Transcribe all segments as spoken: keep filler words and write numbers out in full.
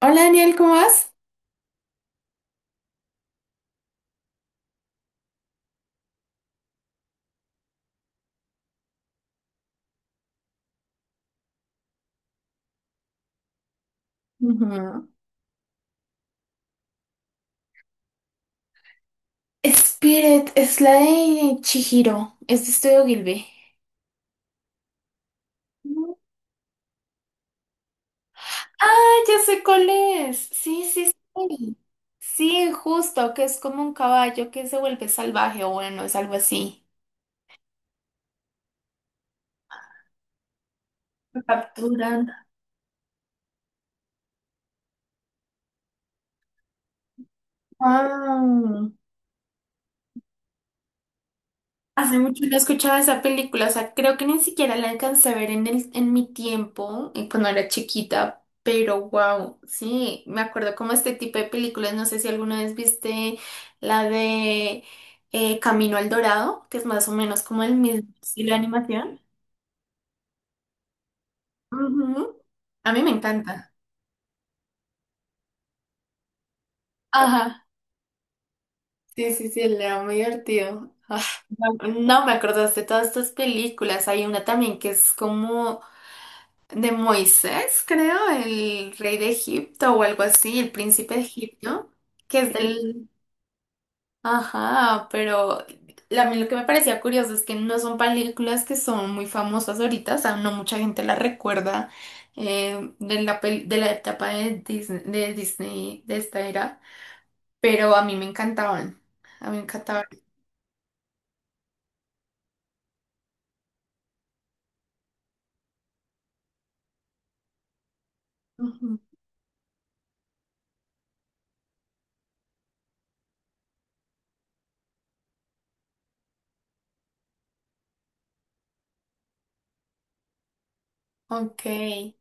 Hola Daniel, ¿cómo vas? Ujú. Spirit es la de Chihiro, es de Estudio Gilby. No. Ah, ya sé cuál es. Sí, sí, sí. Sí, justo, que es como un caballo que se vuelve salvaje o bueno, es algo así. Lo capturan. Ah. Hace mucho no escuchaba esa película, o sea, creo que ni siquiera la alcancé a ver en el, en mi tiempo, eh, cuando era chiquita, pero wow, sí, me acuerdo como este tipo de películas, no sé si alguna vez viste la de eh, Camino al Dorado, que es más o menos como el mismo estilo de animación. Ujú. A mí me encanta. Ajá. Sí, sí, sí, era muy divertido. Ah, no, no me acordaste de todas estas películas, hay una también que es como de Moisés, creo, el rey de Egipto o algo así, el príncipe de Egipto, que es sí. Del... Ajá, pero la- a mí lo que me parecía curioso es que no son películas que son muy famosas ahorita, o sea, no mucha gente las recuerda, eh, de la, pel- de la etapa de Disney, de Disney, de esta era, pero a mí me encantaban, a mí me encantaban. Ujú. Ok.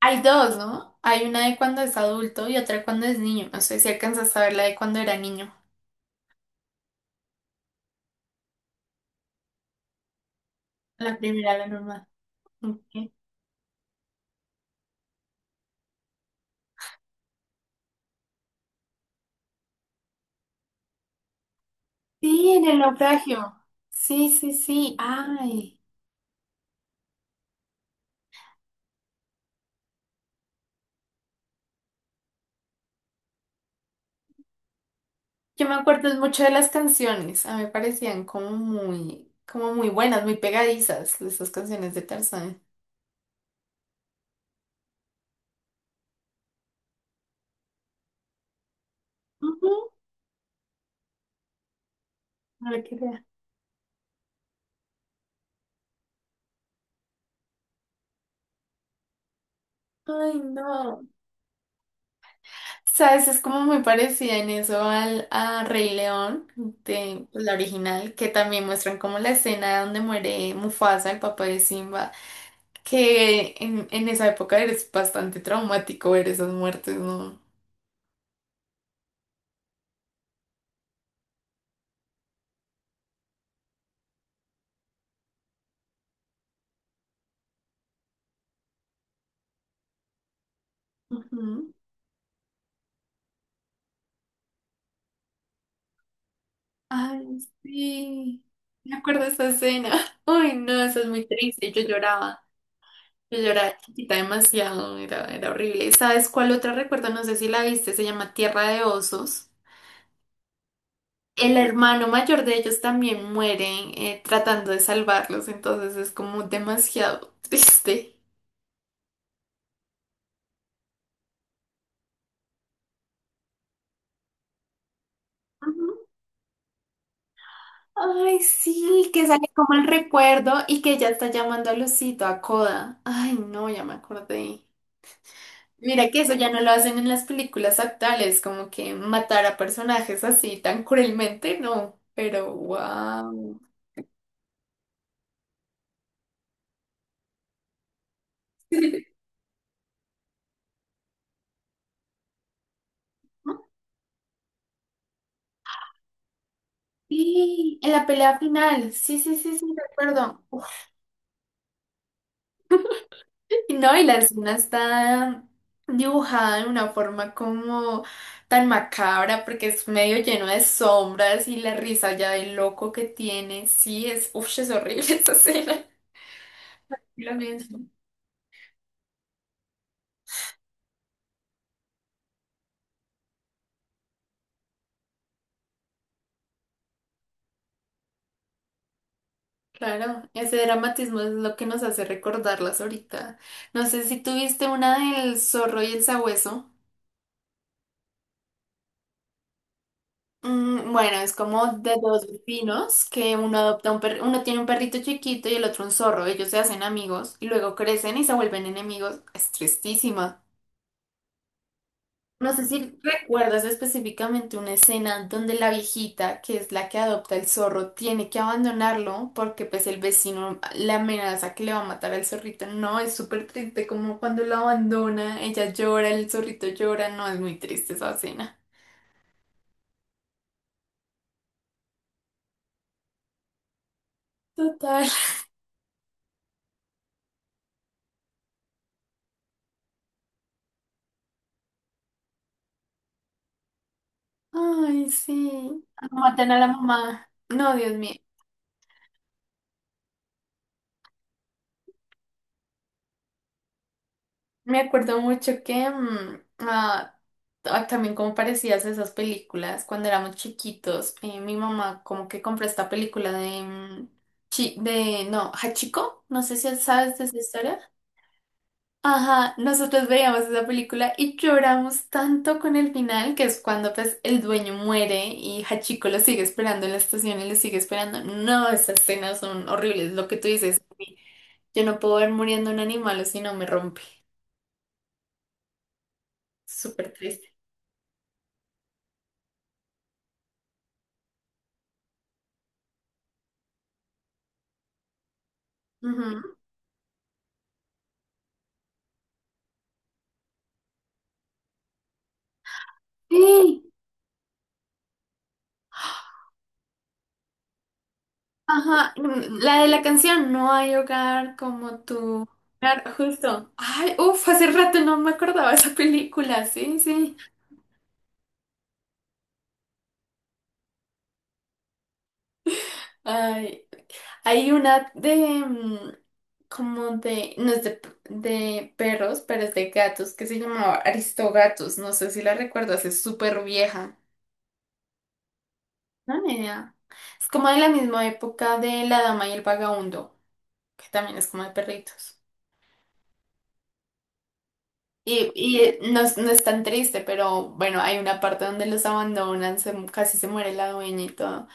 Hay dos, ¿no? Hay una de cuando es adulto y otra cuando es niño. No sé si alcanzas a ver la de cuando era niño. La primera, la normal. Ok. Sí, en el naufragio. Sí, sí, sí. Ay, yo me acuerdo mucho de las canciones. A mí me parecían como muy, como muy buenas, muy pegadizas esas canciones de Tarzán. Ujú. Ahora que vea. Ay, no. Sabes, es como muy parecida en eso al a Rey León, de pues, la original, que también muestran como la escena donde muere Mufasa, el papá de Simba, que en, en esa época eres bastante traumático ver esas muertes, ¿no? Ujú. Ay, sí. Me acuerdo de esa escena. Ay, no, eso es muy triste. Yo lloraba. Yo lloraba chiquita demasiado. Era, era horrible. ¿Sabes cuál otra recuerdo? No sé si la viste. Se llama Tierra de Osos. El hermano mayor de ellos también muere, eh, tratando de salvarlos. Entonces es como demasiado triste. Ujú. Ay, sí, que sale como el recuerdo y que ya está llamando a Lucito, a Coda. Ay, no, ya me acordé. Mira que eso ya no lo hacen en las películas actuales, como que matar a personajes así tan cruelmente, no, pero wow. Y en la pelea final, sí, sí, sí, sí, recuerdo. Y no, y la escena está dibujada de una forma como tan macabra, porque es medio lleno de sombras y la risa ya del loco que tiene, sí, es, uf, es horrible esa escena. Lo mismo. Claro, ese dramatismo es lo que nos hace recordarlas ahorita. No sé si tuviste una del zorro y el sabueso. Mm, bueno, es como de dos vecinos que uno adopta un perro, uno tiene un perrito chiquito y el otro un zorro. Ellos se hacen amigos y luego crecen y se vuelven enemigos. Es tristísima. No sé si recuerdas específicamente una escena donde la viejita, que es la que adopta el zorro, tiene que abandonarlo porque pues el vecino la amenaza que le va a matar al zorrito. No, es súper triste como cuando lo abandona, ella llora, el zorrito llora, no, es muy triste esa escena. Total. Ay, sí. Matan a la mamá. No, Dios mío. Me acuerdo mucho que mm, ah, ah, también como parecías esas películas cuando éramos chiquitos, eh, mi mamá como que compró esta película de, mm, chi- de no, Hachiko, no sé si sabes de esa historia. Ajá, nosotros veíamos esa película y lloramos tanto con el final, que es cuando pues el dueño muere y Hachiko lo sigue esperando en la estación y lo sigue esperando. No, esas escenas son horribles, lo que tú dices. Yo no puedo ver muriendo un animal o si no me rompe. Súper triste. Ujú. Sí, ajá, mm, la de la canción No hay hogar como tu hogar, justo. Ay, uff, hace rato no me acordaba de esa película, sí, sí. Ay, hay una de, mm, como de, no es de, p- de perros, pero es de gatos, que se llamaba Aristogatos, no sé si la recuerdas, es súper vieja. No, ni idea. Es como de la misma época de La Dama y el Vagabundo, que también es como de perritos. Y, y eh, no, es no es tan triste, pero bueno, hay una parte donde los abandonan, se casi se muere la dueña y todo.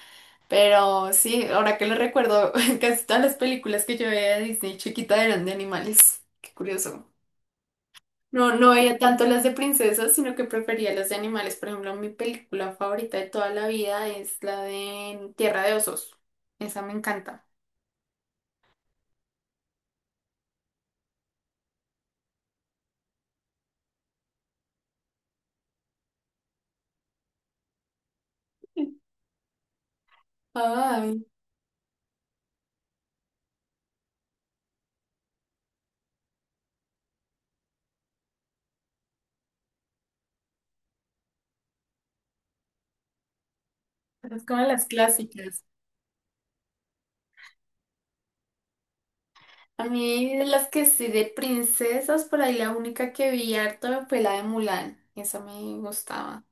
Pero sí, ahora que lo recuerdo, casi todas las películas que yo veía de Disney chiquita eran de animales. Qué curioso. No, no veía tanto las de princesas, sino que prefería las de animales. Por ejemplo, mi película favorita de toda la vida es la de Tierra de Osos. Esa me encanta. Ay, esas como las clásicas. A mí, de las que sí de princesas, por ahí la única que vi harto fue la de Mulan. Esa me gustaba.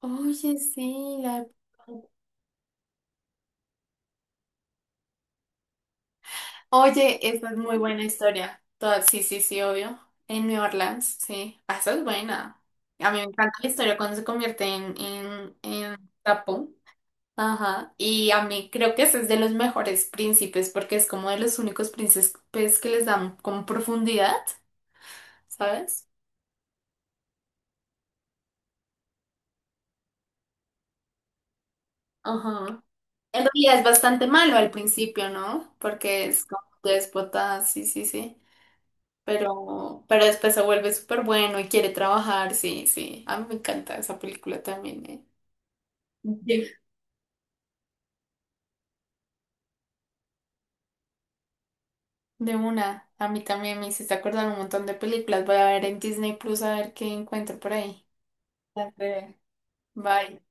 Oye, sí, la de- Oye, esa es muy buena historia. Toda- Sí, sí, sí, obvio. En New Orleans, sí. Ah, esa es buena. A mí me encanta la historia cuando se convierte en, en, en trapo. Ajá. Y a mí creo que ese es de los mejores príncipes porque es como de los únicos príncipes que les dan como profundidad, ¿sabes? Ajá. En realidad es bastante malo al principio, ¿no? Porque es como déspota, sí, sí, sí. Pero, pero después se vuelve súper bueno y quiere trabajar, sí, sí. A mí me encanta esa película también, ¿eh? De, de una, a mí también me hiciste acordar un montón de películas. Voy a ver en Disney Plus a ver qué encuentro por ahí. Ya te Bye.